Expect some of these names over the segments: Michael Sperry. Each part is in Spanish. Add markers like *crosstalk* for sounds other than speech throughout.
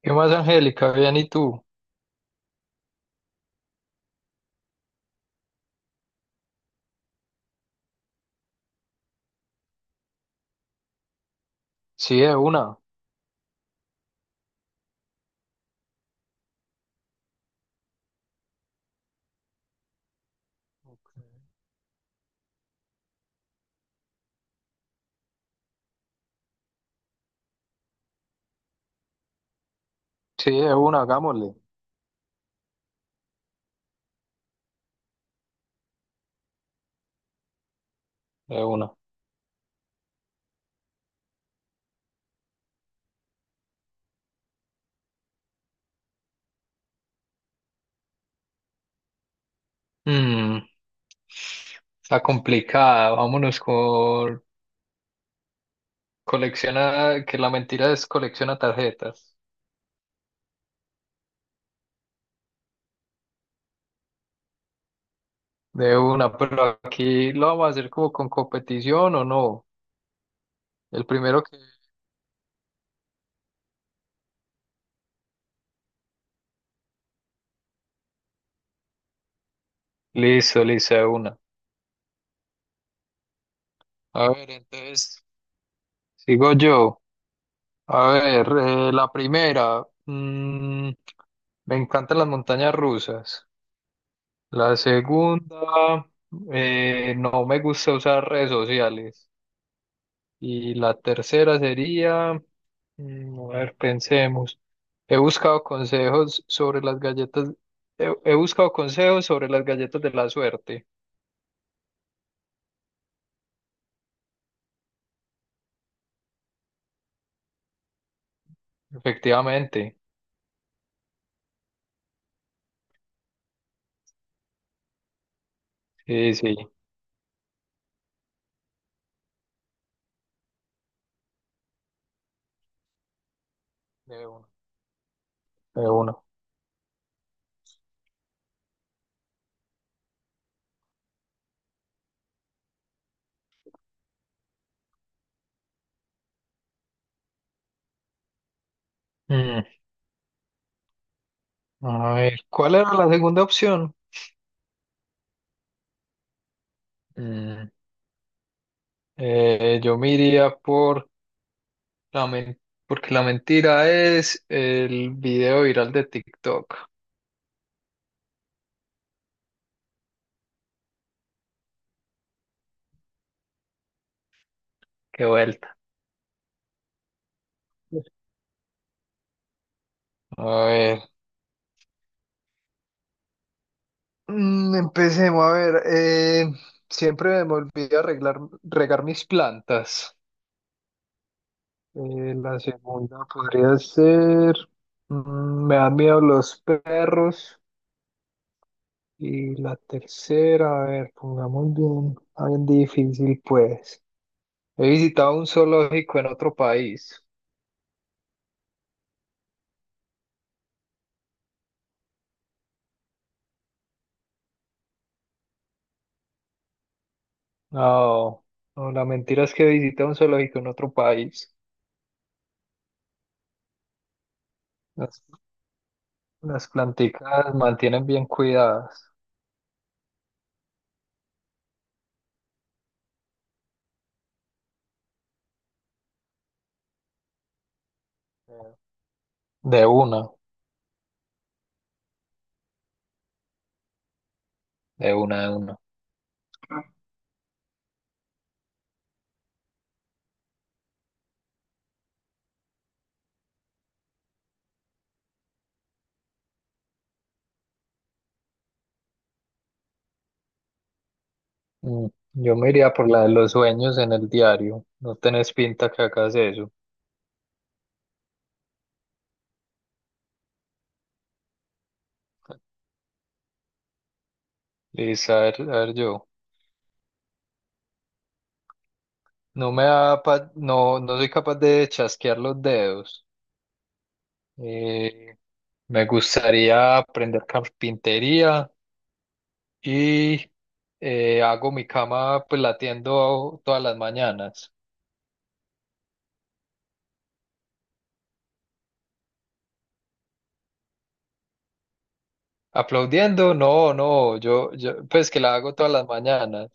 ¿Qué más, Angélica? Bien, ¿y tú? Sí, de una. Sí, de una, hagámosle. De una. Mm, Está complicada. Vámonos con colecciona, que la mentira es colecciona tarjetas. De una, pero aquí lo vamos a hacer como con competición o no. El primero que... Listo, listo, de una. A ver, entonces, sigo yo. A ver, la primera. Me encantan las montañas rusas. La segunda, no me gusta usar redes sociales. Y la tercera sería, a ver, pensemos. He buscado consejos sobre las galletas, he buscado consejos sobre las galletas de la suerte. Efectivamente. Sí, sí. De uno. De uno. Mm, A ver, ¿cuál era la segunda opción? Mm, yo me iría por La men- porque la mentira es el video viral de TikTok. Qué vuelta. A ver. Empecemos a ver. Siempre me olvido regar mis plantas. La segunda podría ser. Me dan miedo los perros. Y la tercera, a ver, pongamos bien, bien difícil, pues. He visitado un zoológico en otro país. No, no, la mentira es que visita un zoológico en otro país. Las, las planticas mantienen bien cuidadas. De una, de una, de una. Mm, Yo me iría por la de los sueños en el diario. No tenés pinta que hagas eso. Listo, a ver yo. No, no soy capaz de chasquear los dedos. Eh, Me gustaría aprender carpintería. Y hago mi cama pues latiendo todas las mañanas. Aplaudiendo, no, no, yo pues que la hago todas las mañanas.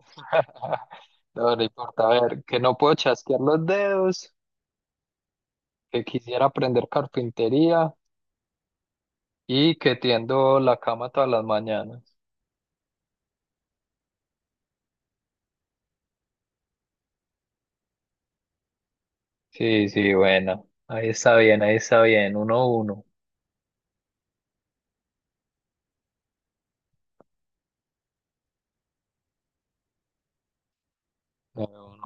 *laughs* No, no importa, a ver, que no puedo chasquear los dedos, que quisiera aprender carpintería y que tiendo la cama todas las mañanas. Sí, sí, bueno, ahí está bien, uno a uno. Uno a uno.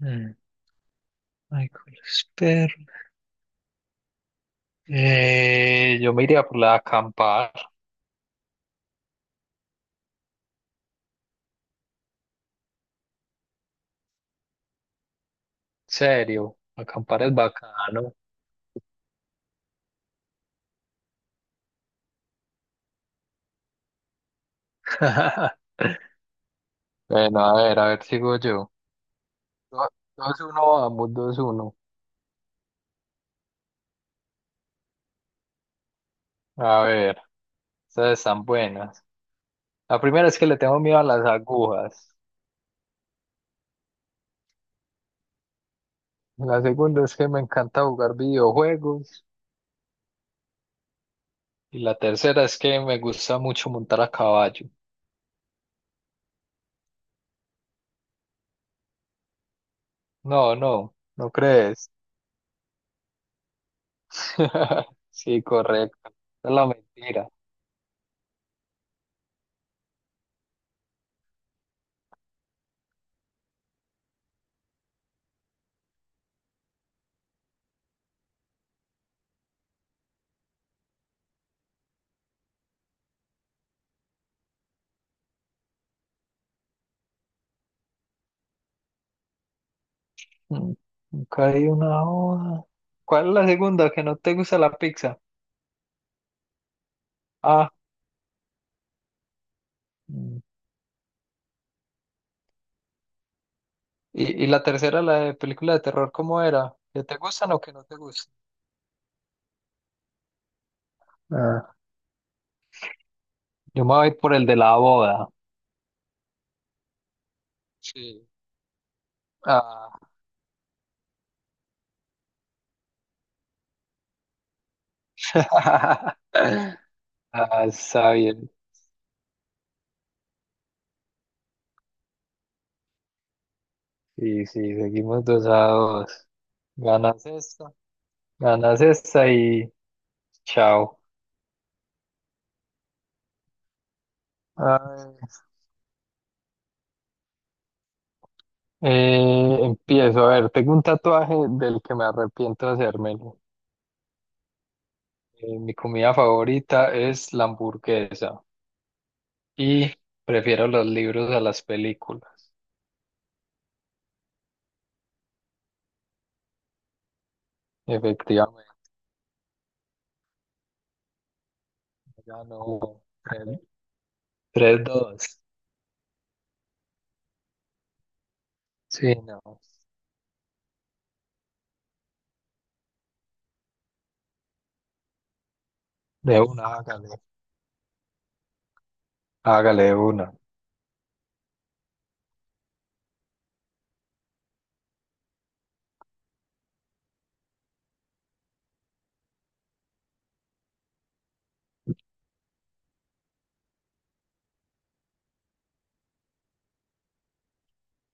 Mm, Michael Sperry. Yo me iría por la acampada. Serio, acampar es bacano. *laughs* Bueno, a ver, sigo yo. Do- 2-1, vamos, 2-1. A ver, estas están buenas. La primera es que le tengo miedo a las agujas. La segunda es que me encanta jugar videojuegos. Y la tercera es que me gusta mucho montar a caballo. No, no, ¿no crees? *laughs* Sí, correcto. Esa es la mentira. Mm, Nunca hay una hoja. ¿Cuál es la segunda? ¿Que no te gusta la pizza? Ah. mm, y la tercera, la de película de terror, ¿cómo era? ¿Que te gustan o que no te gustan? Ah, yo me voy por el de la boda. Sí. Ah. *laughs* Ah, está bien. Sí, sí, seguimos dos a dos. Ganas esta, ganas esta y chao. A ver, empiezo. A ver, tengo un tatuaje del que me arrepiento de hacérmelo. Mi comida favorita es la hamburguesa y prefiero los libros a las películas. Efectivamente, ganó el 3-2. Sí, no. De una, hágale. Hágale de una.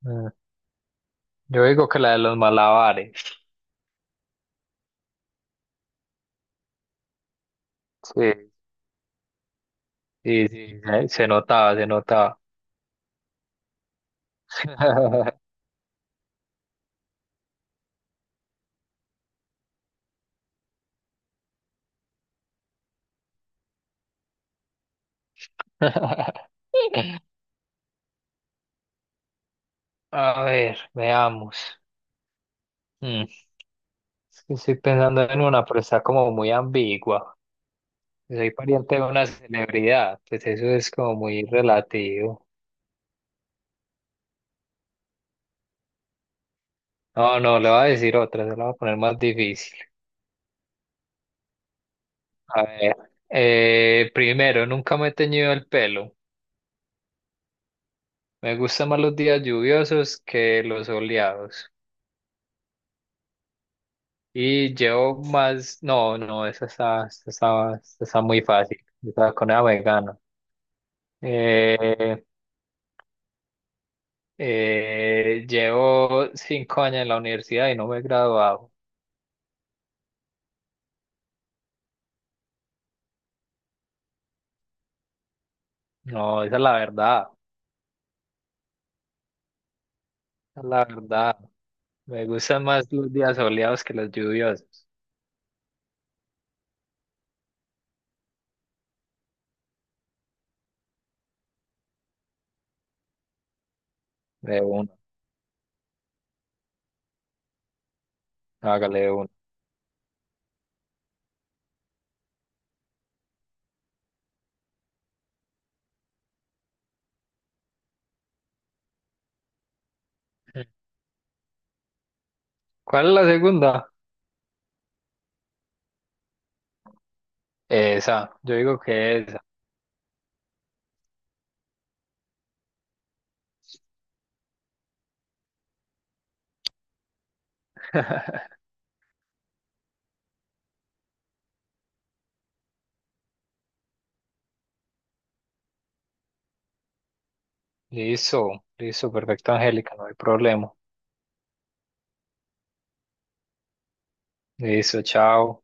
Mm, Yo digo que la de los malabares. Sí, sí, sí. Se notaba, se notaba. *laughs* A ver, veamos. Mm, Es que estoy pensando en una, pero está como muy ambigua. Si soy pariente de una celebridad, pues eso es como muy relativo. No, no, le voy a decir otra, se la voy a poner más difícil. A ver, primero, nunca me he teñido el pelo. Me gustan más los días lluviosos que los soleados. Y llevo más, no, no, esa está muy fácil. Esa con ella me gano. Eh, llevo 5 años en la universidad y no me he graduado. No, esa es la verdad, esa es la verdad. Me gustan más los días soleados que los lluviosos. De uno, hágale de uno. ¿Cuál es la segunda? Esa, yo digo que esa. *laughs* Listo, listo, perfecto, Angélica, no hay problema. Listo, chao.